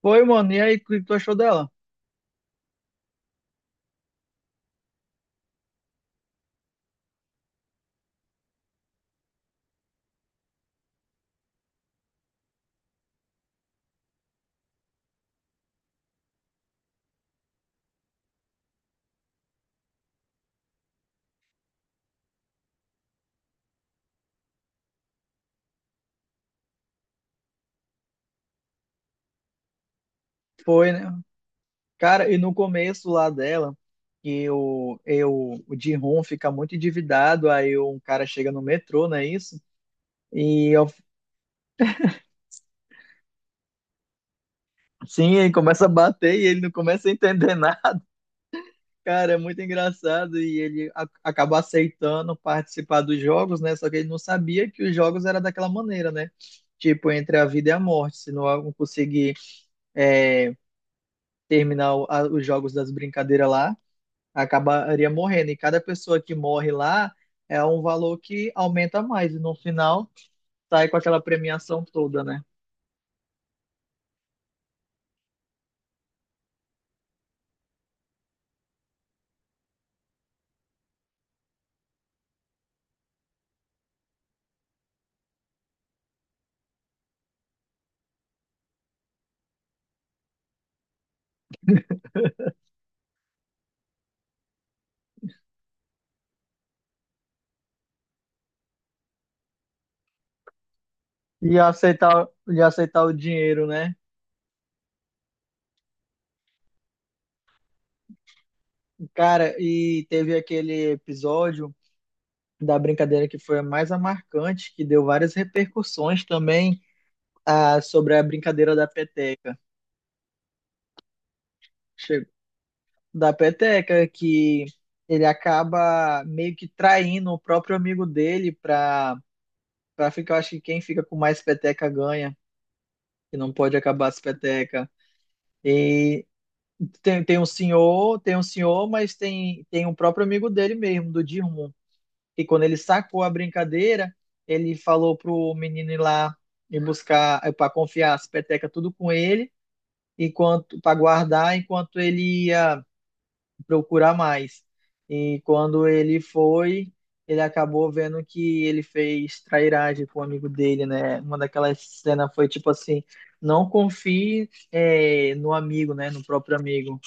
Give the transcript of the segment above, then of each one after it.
Foi, mano. E aí, o que tu achou dela? Foi, né? Cara, e no começo lá dela, que o, eu, o Ji-hoon fica muito endividado, aí um cara chega no metrô, não é isso? E eu, sim, ele começa a bater e ele não começa a entender nada. Cara, é muito engraçado e ele acaba aceitando participar dos jogos, né? Só que ele não sabia que os jogos era daquela maneira, né? Tipo, entre a vida e a morte. Se não conseguir é, terminar os jogos das brincadeiras lá, acabaria morrendo. E cada pessoa que morre lá é um valor que aumenta mais. E no final sai com aquela premiação toda, né? E aceitar o dinheiro, né? Cara, e teve aquele episódio da brincadeira que foi a mais a marcante, que deu várias repercussões também sobre a brincadeira da peteca. Chegou, da peteca, que ele acaba meio que traindo o próprio amigo dele pra ficar, eu acho que quem fica com mais peteca ganha. Que não pode acabar as petecas. E tem um senhor, tem um senhor, mas tem um próprio amigo dele mesmo, do Dirmon, que quando ele sacou a brincadeira, ele falou pro menino ir lá e buscar, para confiar as petecas tudo com ele, enquanto para guardar, enquanto ele ia procurar mais. E quando ele foi, ele acabou vendo que ele fez trairagem com o amigo dele, né? Uma daquelas cenas foi tipo assim, não confie no amigo, né? No próprio amigo.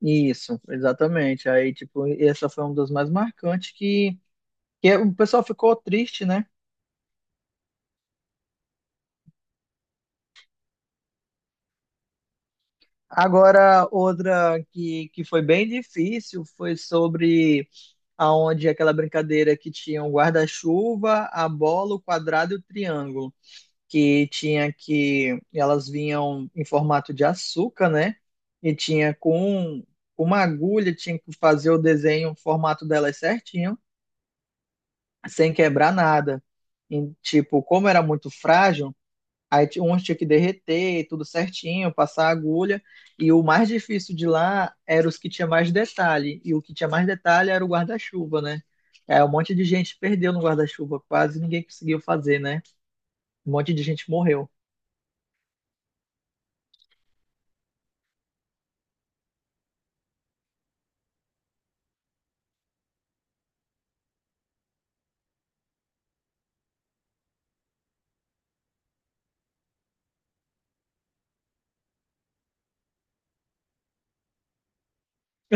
Isso, exatamente. Aí, tipo, essa foi uma das mais marcantes o pessoal ficou triste, né? Agora, outra que foi bem difícil foi sobre aonde aquela brincadeira que tinha um guarda-chuva, a bola, o quadrado e o triângulo. Que tinha que elas vinham em formato de açúcar, né? E tinha com uma agulha, tinha que fazer o desenho, o formato delas certinho, sem quebrar nada. E, tipo, como era muito frágil, aí uns tinha que derreter, tudo certinho, passar a agulha. E o mais difícil de lá era os que tinha mais detalhe. E o que tinha mais detalhe era o guarda-chuva, né? É, um monte de gente perdeu no guarda-chuva, quase ninguém conseguiu fazer, né? Um monte de gente morreu.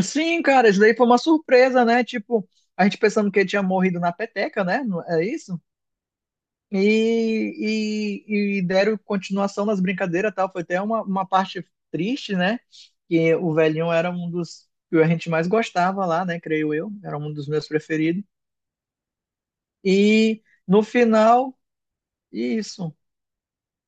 Sim, cara, isso daí foi uma surpresa, né? Tipo, a gente pensando que ele tinha morrido na peteca, né? Não é isso? E deram continuação nas brincadeiras e tal. Foi até uma parte triste, né? Que o velhinho era um dos que a gente mais gostava lá, né? Creio eu. Era um dos meus preferidos. E no final, isso.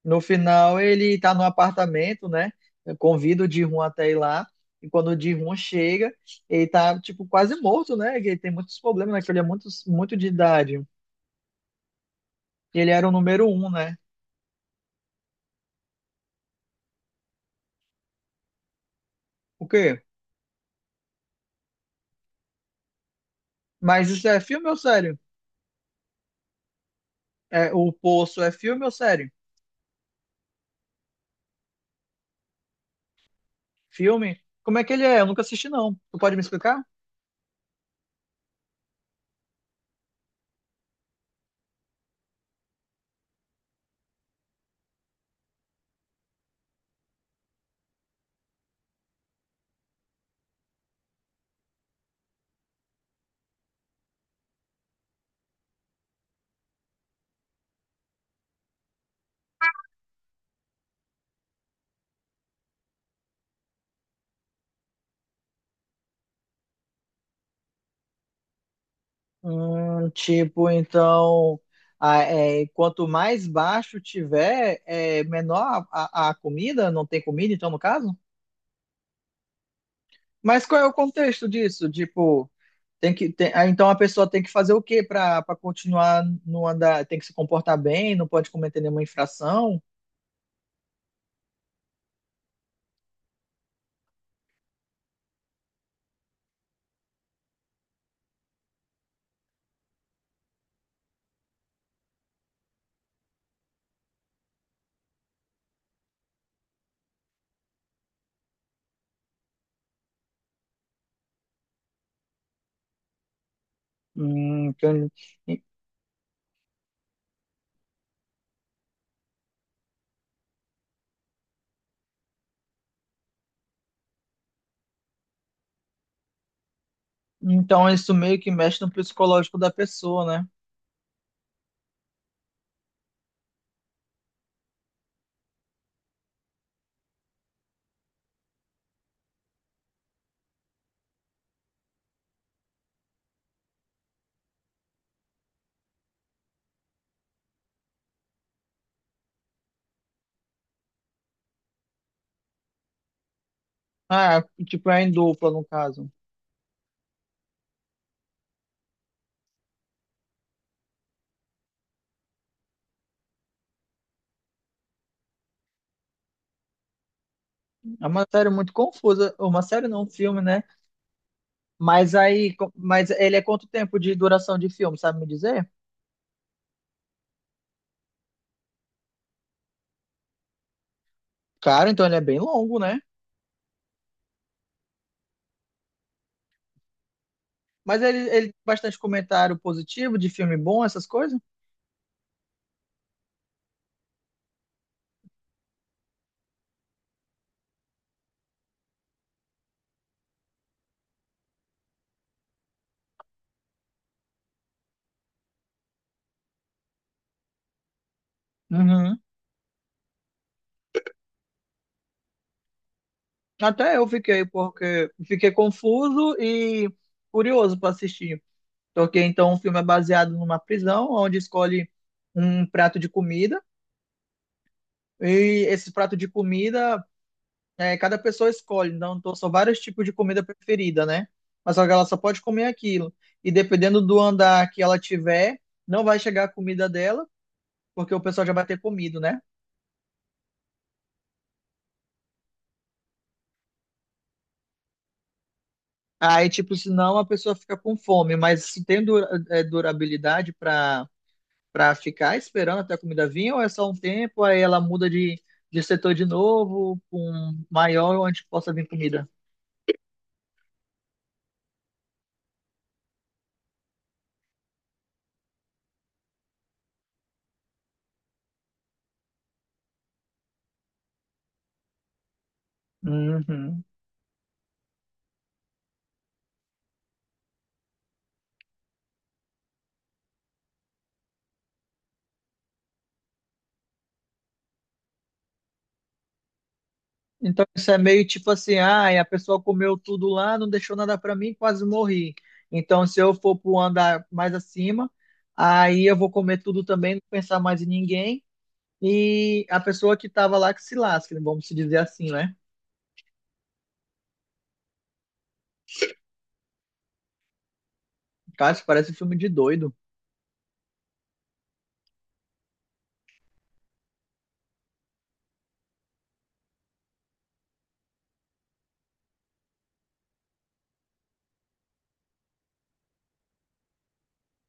No final, ele tá no apartamento, né? Eu convido o Ji-hoon até ir lá. E quando o Ji-hoon chega, ele tá, tipo, quase morto, né? Que ele tem muitos problemas, né? Que ele é muito, muito de idade. E ele era o número um, né? O quê? Mas isso é filme ou sério? É, o Poço é filme ou série? Filme? Como é que ele é? Eu nunca assisti, não. Tu pode me explicar? Tipo, então, quanto mais baixo tiver, é menor a comida? Não tem comida, então, no caso? Mas qual é o contexto disso? Tipo, tem que, tem- ah, então a pessoa tem que fazer o quê para para continuar no andar? Tem que se comportar bem, não pode cometer nenhuma infração? Então, então isso meio que mexe no psicológico da pessoa, né? Ah, tipo, é em dupla, no caso. É uma série muito confusa. Uma série não, um filme, né? Mas aí, mas ele é quanto tempo de duração de filme, sabe me dizer? Cara, então ele é bem longo, né? Mas ele tem bastante comentário positivo de filme bom, essas coisas? Uhum. Até eu fiquei, porque fiquei confuso e curioso para assistir. Porque então o filme é baseado numa prisão, onde escolhe um prato de comida, e esse prato de comida, é, cada pessoa escolhe, então são vários tipos de comida preferida, né? Mas só que ela só pode comer aquilo. E dependendo do andar que ela tiver, não vai chegar a comida dela, porque o pessoal já vai ter comido, né? Aí, tipo, senão a pessoa fica com fome, mas se tem durabilidade para para ficar esperando até a comida vir, ou é só um tempo, aí ela muda de setor de novo, com maior onde possa vir comida? Uhum. Então isso é meio tipo assim, ah, a pessoa comeu tudo lá, não deixou nada para mim, quase morri. Então se eu for para andar mais acima, aí eu vou comer tudo também, não pensar mais em ninguém. E a pessoa que estava lá que se lasca, vamos se dizer assim, né? Cara, isso parece um filme de doido.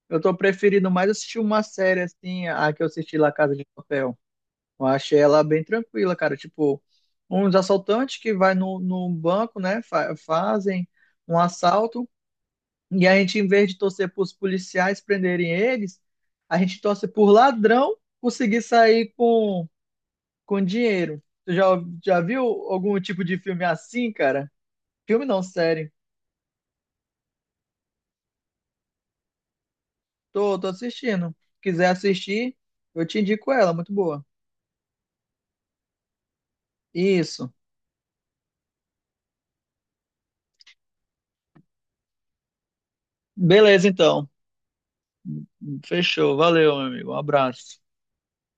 Eu tô preferindo mais assistir uma série assim, a que eu assisti lá Casa de Papel. Eu achei ela bem tranquila, cara. Tipo, uns assaltantes que vai no banco, né? Fazem um assalto. E a gente, em vez de torcer para os policiais prenderem eles, a gente torce por ladrão conseguir sair com dinheiro. Já viu algum tipo de filme assim, cara? Filme não, série. Tô, tô assistindo. Quiser assistir, eu te indico ela, muito boa. Isso. Beleza, então. Fechou. Valeu, meu amigo. Um abraço.